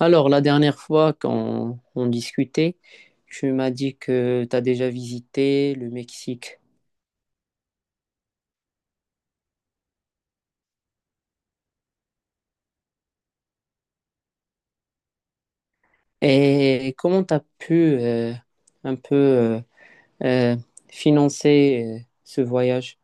Alors, la dernière fois quand on discutait, tu m'as dit que tu as déjà visité le Mexique. Et comment tu as pu euh, un peu euh, financer ce voyage?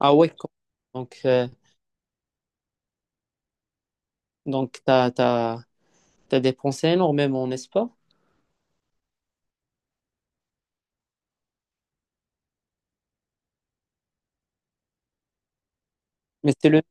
Ah ouais, donc, euh, donc tu as dépensé énormément, n'est-ce pas? Mais c'est le...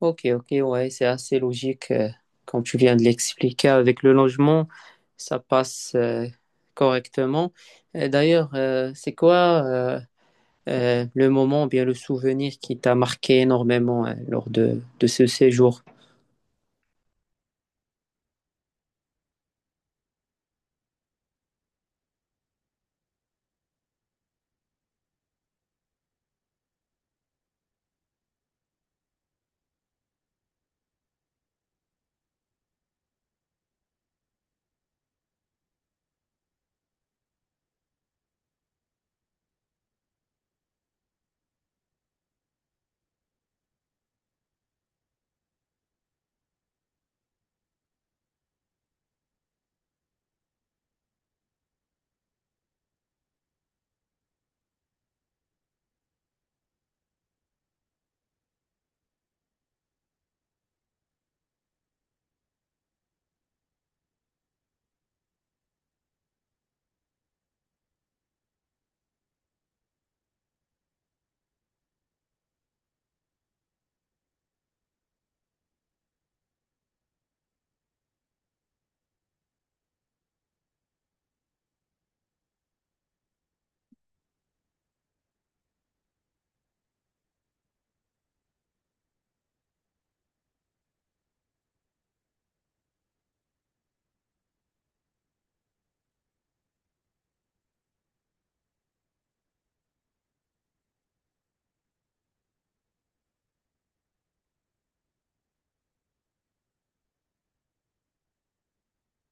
Ok, ok, ouais, c'est assez logique. Quand tu viens de l'expliquer avec le logement, ça passe correctement. Et d'ailleurs, c'est quoi... le moment ou bien le souvenir qui t'a marqué énormément, hein, lors de ce séjour?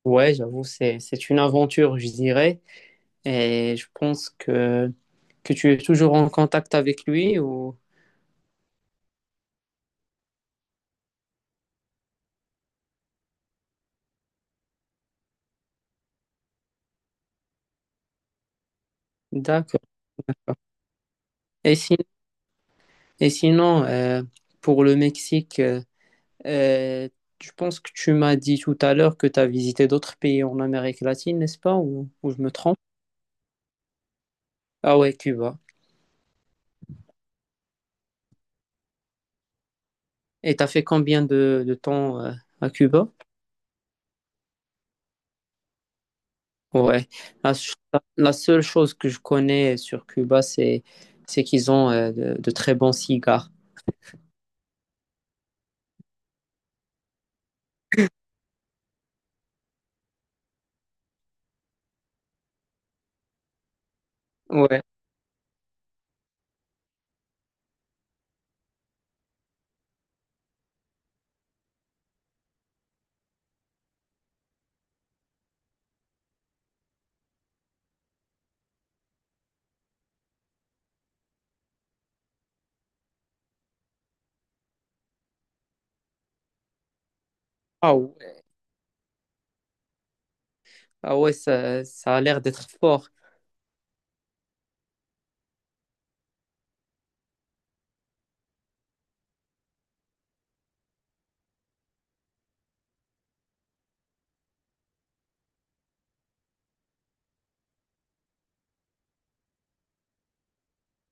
Ouais, j'avoue, c'est une aventure, je dirais. Et je pense que tu es toujours en contact avec lui ou... D'accord. Et, si- et sinon, pour le Mexique, euh, je pense que tu m'as dit tout à l'heure que tu as visité d'autres pays en Amérique latine, n'est-ce pas? Ou je me trompe? Ah ouais, Cuba. Et tu as fait combien de temps, à Cuba? Ouais, la, ch- la seule chose que je connais sur Cuba, c'est qu'ils ont de très bons cigares. Ouais. Ah ouais, ah ouais, ça a l'air d'être fort.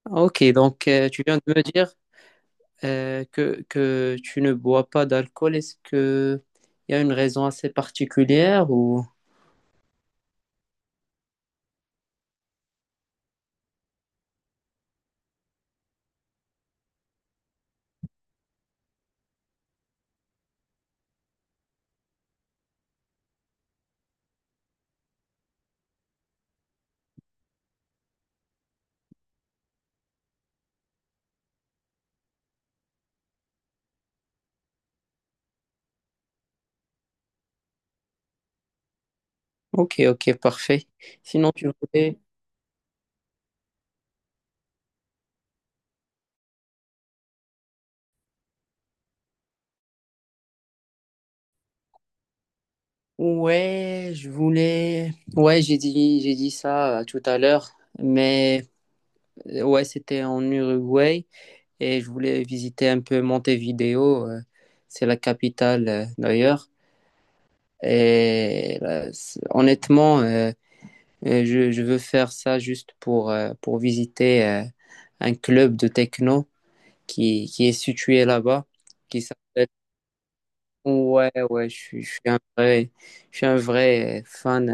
Ah, ok, donc tu viens de me dire que tu ne bois pas d'alcool. Est-ce que il y a une raison assez particulière ou... Ok, ok, parfait. Sinon, tu voulais... Ouais, je voulais... Ouais, j'ai dit ça tout à l'heure, mais ouais, c'était en Uruguay. Et je voulais visiter un peu Montevideo. C'est la capitale d'ailleurs. Et là, honnêtement, je veux faire ça juste pour visiter un club de techno qui est situé là-bas, qui s'appelle... Ouais, ouais, je suis un vrai, je suis un vrai fan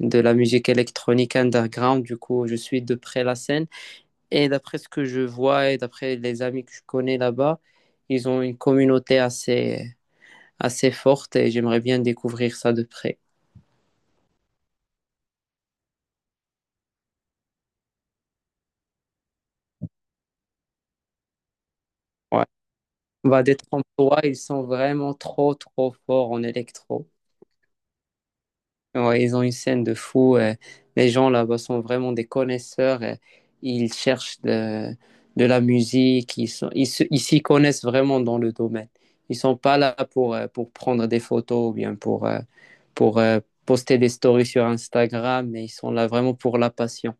de la musique électronique underground. Du coup, je suis de près la scène. Et d'après ce que je vois et d'après les amis que je connais là-bas, ils ont une communauté assez, assez forte et j'aimerais bien découvrir ça de près. Ouais. Bah, d'être en toi, ils sont vraiment trop, trop forts en électro. Ouais, ils ont une scène de fou. Les gens là-bas sont vraiment des connaisseurs. Ils cherchent de la musique. Ils sont, ils s'y connaissent vraiment dans le domaine. Ils sont pas là pour prendre des photos ou bien pour, pour euh, poster des stories sur Instagram, mais ils sont là vraiment pour la passion.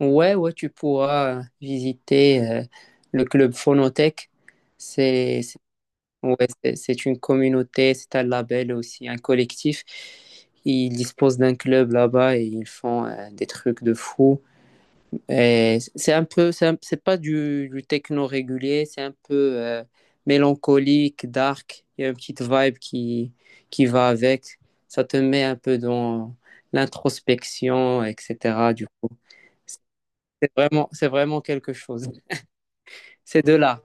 Ouais, ouais, tu pourras visiter le club Phonothèque. C'est, ouais, c'est une communauté, c'est un label aussi, un collectif. Ils disposent d'un club là-bas et ils font des trucs de fou. Et c'est un peu, c'est pas du techno régulier, c'est un peu euh, mélancolique, dark. Il y a une petite vibe qui va avec. Ça te met un peu dans l'introspection, etc. Du coup, c'est vraiment quelque chose. C'est de là.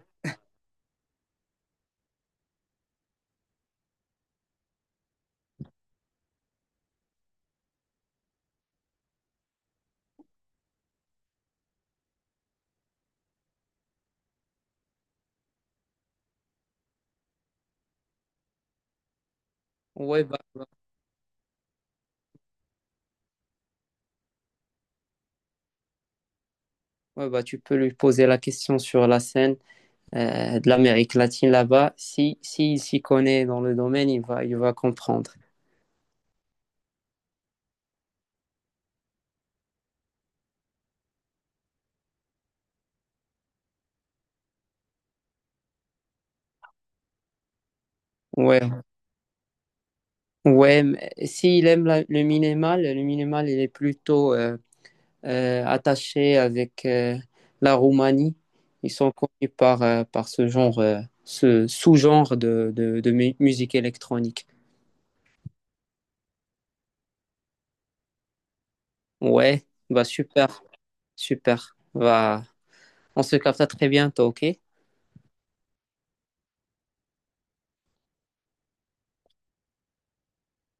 Ouais, bah, ouais, bah, tu peux lui poser la question sur la scène. De l'Amérique latine là-bas. Si, s'il s'y connaît dans le domaine, il va comprendre. Ouais, ouais. Mais s'il aime le minimal, il est plutôt attaché avec la Roumanie. Ils sont connus par, par ce genre, ce sous-genre de musique électronique. Ouais, bah super, super. Bah, on se capte à très bientôt, ok?